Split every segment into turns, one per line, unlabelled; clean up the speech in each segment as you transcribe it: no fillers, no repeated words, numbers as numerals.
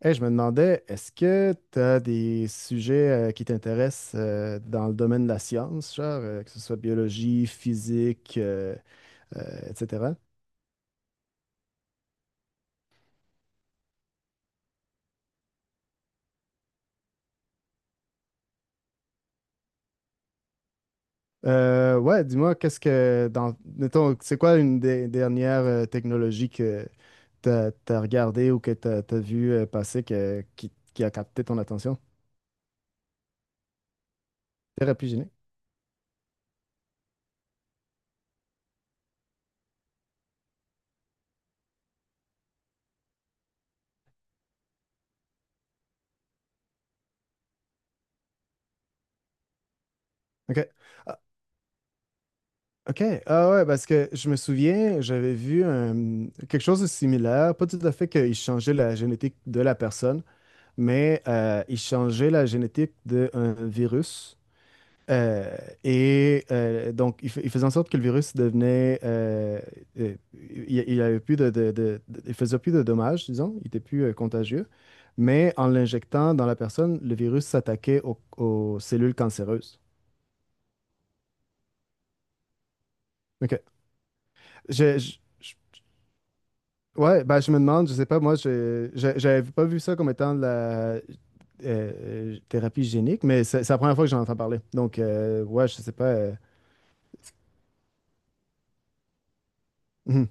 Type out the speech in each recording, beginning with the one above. Hey, je me demandais, est-ce que tu as des sujets qui t'intéressent dans le domaine de la science, genre, que ce soit biologie, physique, euh, etc. Ouais, dis-moi, qu'est-ce que, dans, mettons, c'est quoi une des dernières technologies que tu as, regardée ou que tu as, vu passer qui a capté ton attention? Thérapie génique. OK. OK. Ah ouais, parce que je me souviens, quelque chose de similaire. Pas tout à fait qu'ils changeaient la génétique de la personne, mais ils changeaient la génétique d'un virus. Euh, donc, ils faisaient en sorte que le virus devenait. Euh, il avait plus de il faisait plus de dommages, disons. Il était plus contagieux. Mais en l'injectant dans la personne, le virus s'attaquait aux cellules cancéreuses. OK. Je, je- Ouais, ben je me demande, je sais pas, moi, j'avais pas vu ça comme étant de la euh, thérapie génique, mais c'est la première fois que j'en entends parler. Donc, ouais, je sais pas. Mhm,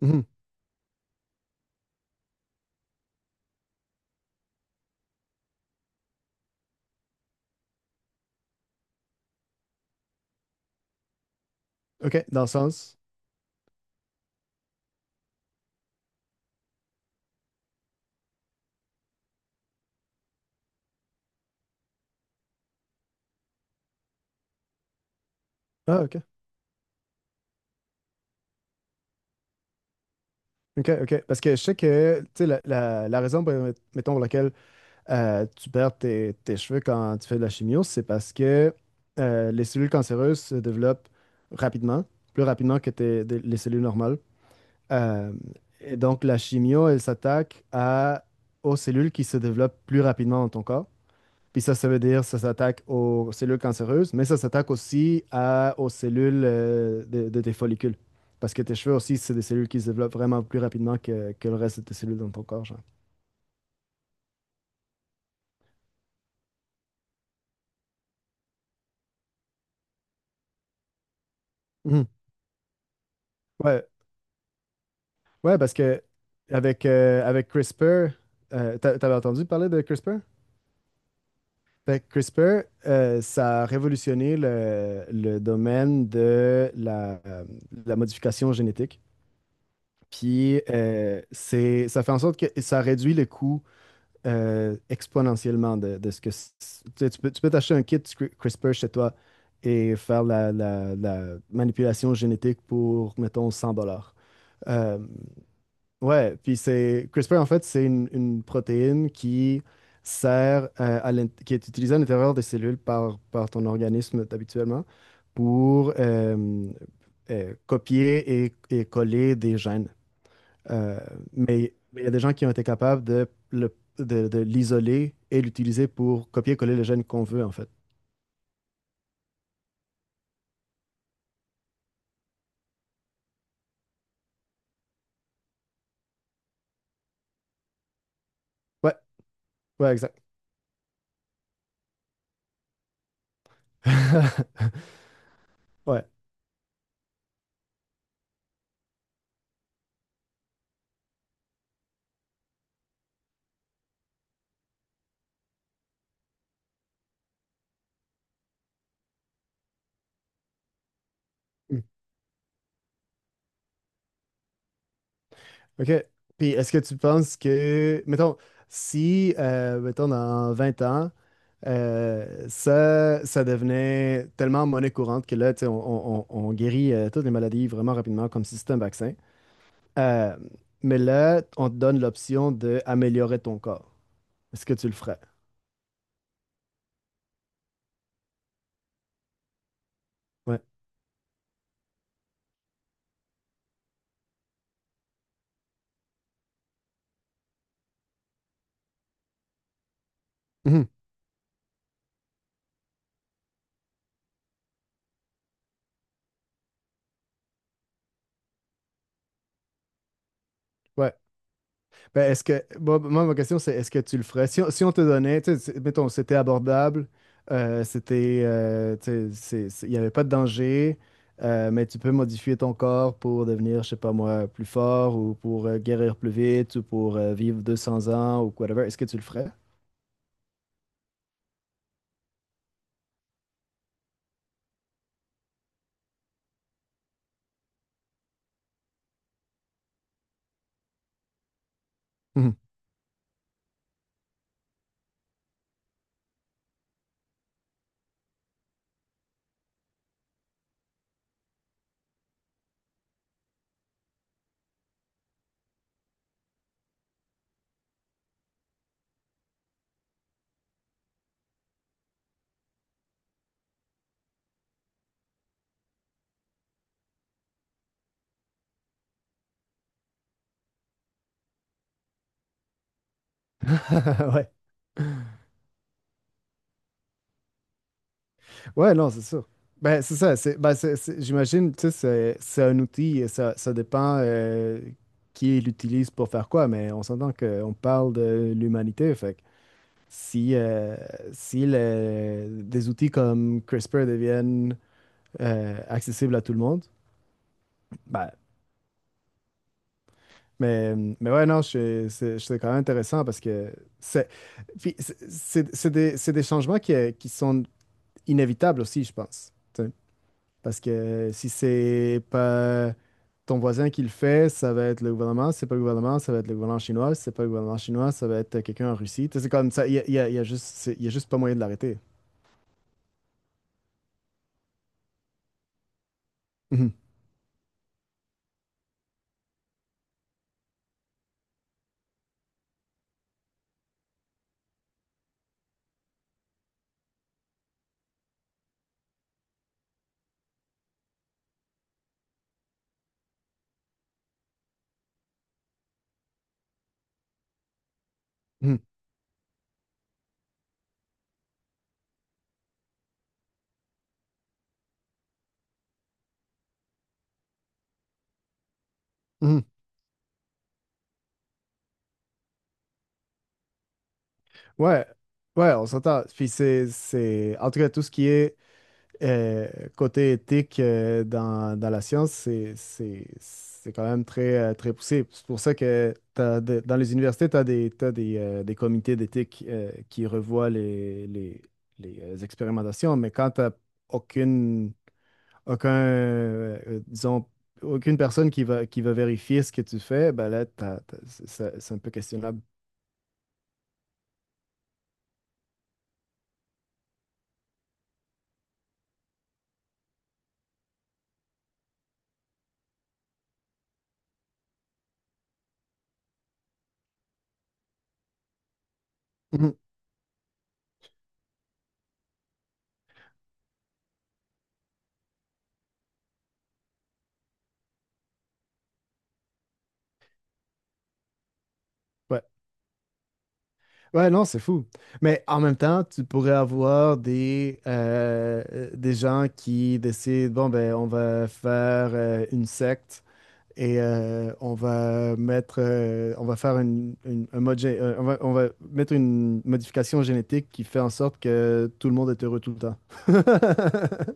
mhm. OK, dans le sens. Ah, OK. OK, OK. Parce que je sais que, tu sais, la raison, mettons, pour laquelle tu perds tes cheveux quand tu fais de la chimio, c'est parce que les cellules cancéreuses se développent rapidement, plus rapidement que les cellules normales. Euh, et donc, la chimio, elle s'attaque aux cellules qui se développent plus rapidement dans ton corps. Puis ça veut dire ça s'attaque aux cellules cancéreuses, mais ça s'attaque aussi aux cellules de tes follicules. Parce que tes cheveux aussi, c'est des cellules qui se développent vraiment plus rapidement que le reste de tes cellules dans ton corps, genre. Mhm. Ouais. Ouais, parce que avec, avec CRISPR, t'avais entendu parler de CRISPR? Fait que CRISPR, ça a révolutionné le domaine de la modification génétique. Puis ça fait en sorte que ça réduit le coût exponentiellement de ce que. C- Tu sais, tu peux t'acheter un kit CRISPR chez toi et faire la manipulation génétique pour, mettons, 100 dollars. Euh, Ouais, puis c'est CRISPR en fait, c'est une protéine qui sert qui est utilisée à l'intérieur des cellules par ton organisme habituellement pour copier et coller des gènes. Euh, mais il y a des gens qui ont été capables de l'isoler et l'utiliser pour copier-coller le gène qu'on veut en fait. Ouais, ouais, exact. Ouais. Mm. OK. Puis est-ce que tu penses que, mettons, si, mettons, dans 20 ans, ça, ça devenait tellement monnaie courante que là, tu sais, on guérit toutes les maladies vraiment rapidement comme si c'était un vaccin. Euh, mais là, on te donne l'option d'améliorer ton corps. Est-ce que tu le ferais? Ouais. Mhm. Ouais. Ben, est-ce que moi, ma question c'est est-ce que tu le ferais? Si si on te donnait, tu sais, mettons, c'était abordable, c'était, tu sais, il n'y avait pas de danger, mais tu peux modifier ton corps pour devenir, je sais pas moi, plus fort ou pour guérir plus vite ou pour vivre 200 ans ou whatever. Est-ce que tu le ferais? Mhm. Ouais. Ouais, non, c'est sûr. Ben, c'est ça. J'imagine, tu sais, c'est un outil et ça dépend qui l'utilise pour faire quoi, mais on s'entend qu'on parle de l'humanité. Fait que si, des outils comme CRISPR deviennent accessibles à tout le monde, ben, mais ouais, non, c'est quand même intéressant parce que c'est c'est des changements qui sont inévitables aussi, je pense. Parce que si c'est pas ton voisin qui le fait, ça va être le gouvernement. Si c'est pas le gouvernement, ça va être le gouvernement chinois. Si c'est pas le gouvernement chinois, ça va être quelqu'un en Russie. Tu sais, c'est comme ça, il y a juste, il y a juste pas moyen de l'arrêter. Mhm. Mhm. Mhm. Ouais, ouais, on s'entend. Puis en tout cas, tout ce qui est euh, côté éthique dans la science, c'est quand même très, très poussé. C'est pour ça que dans les universités, tu as des, t'as des comités d'éthique qui revoient les expérimentations, mais quand aucune, aucun, disons, aucune personne qui va vérifier ce que tu fais, ben là, c'est un peu questionnable. Mhm. Ouais. Ouais, non, c'est fou. Mais en même temps, tu pourrais avoir des gens qui décident, bon, ben, on va faire une secte et on va mettre, on va faire un mode gé- on va mettre une modification génétique qui fait en sorte que tout le monde est heureux tout le temps.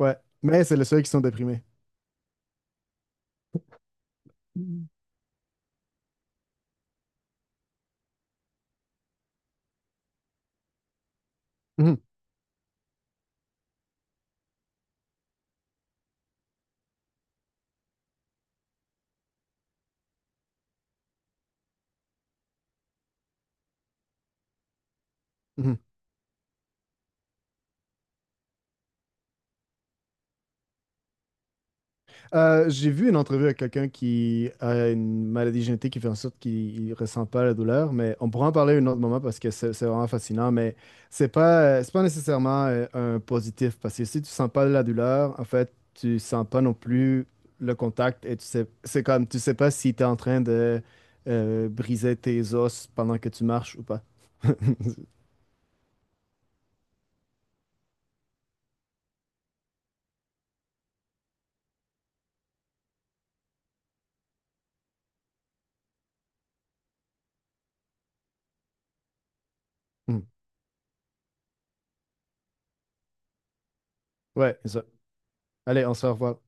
Ouais, mais c'est les seuls qui sont déprimés. Mhm. Mhm. J'ai vu une entrevue avec quelqu'un qui a une maladie génétique qui fait en sorte qu'il ne ressent pas la douleur, mais on pourra en parler un autre moment parce que c'est vraiment fascinant, mais c'est pas nécessairement un positif parce que si tu sens pas la douleur, en fait, tu sens pas non plus le contact et tu sais, c'est comme, tu sais pas si tu es en train de briser tes os pendant que tu marches ou pas. Ouais, c'est ça. Allez, on se revoit.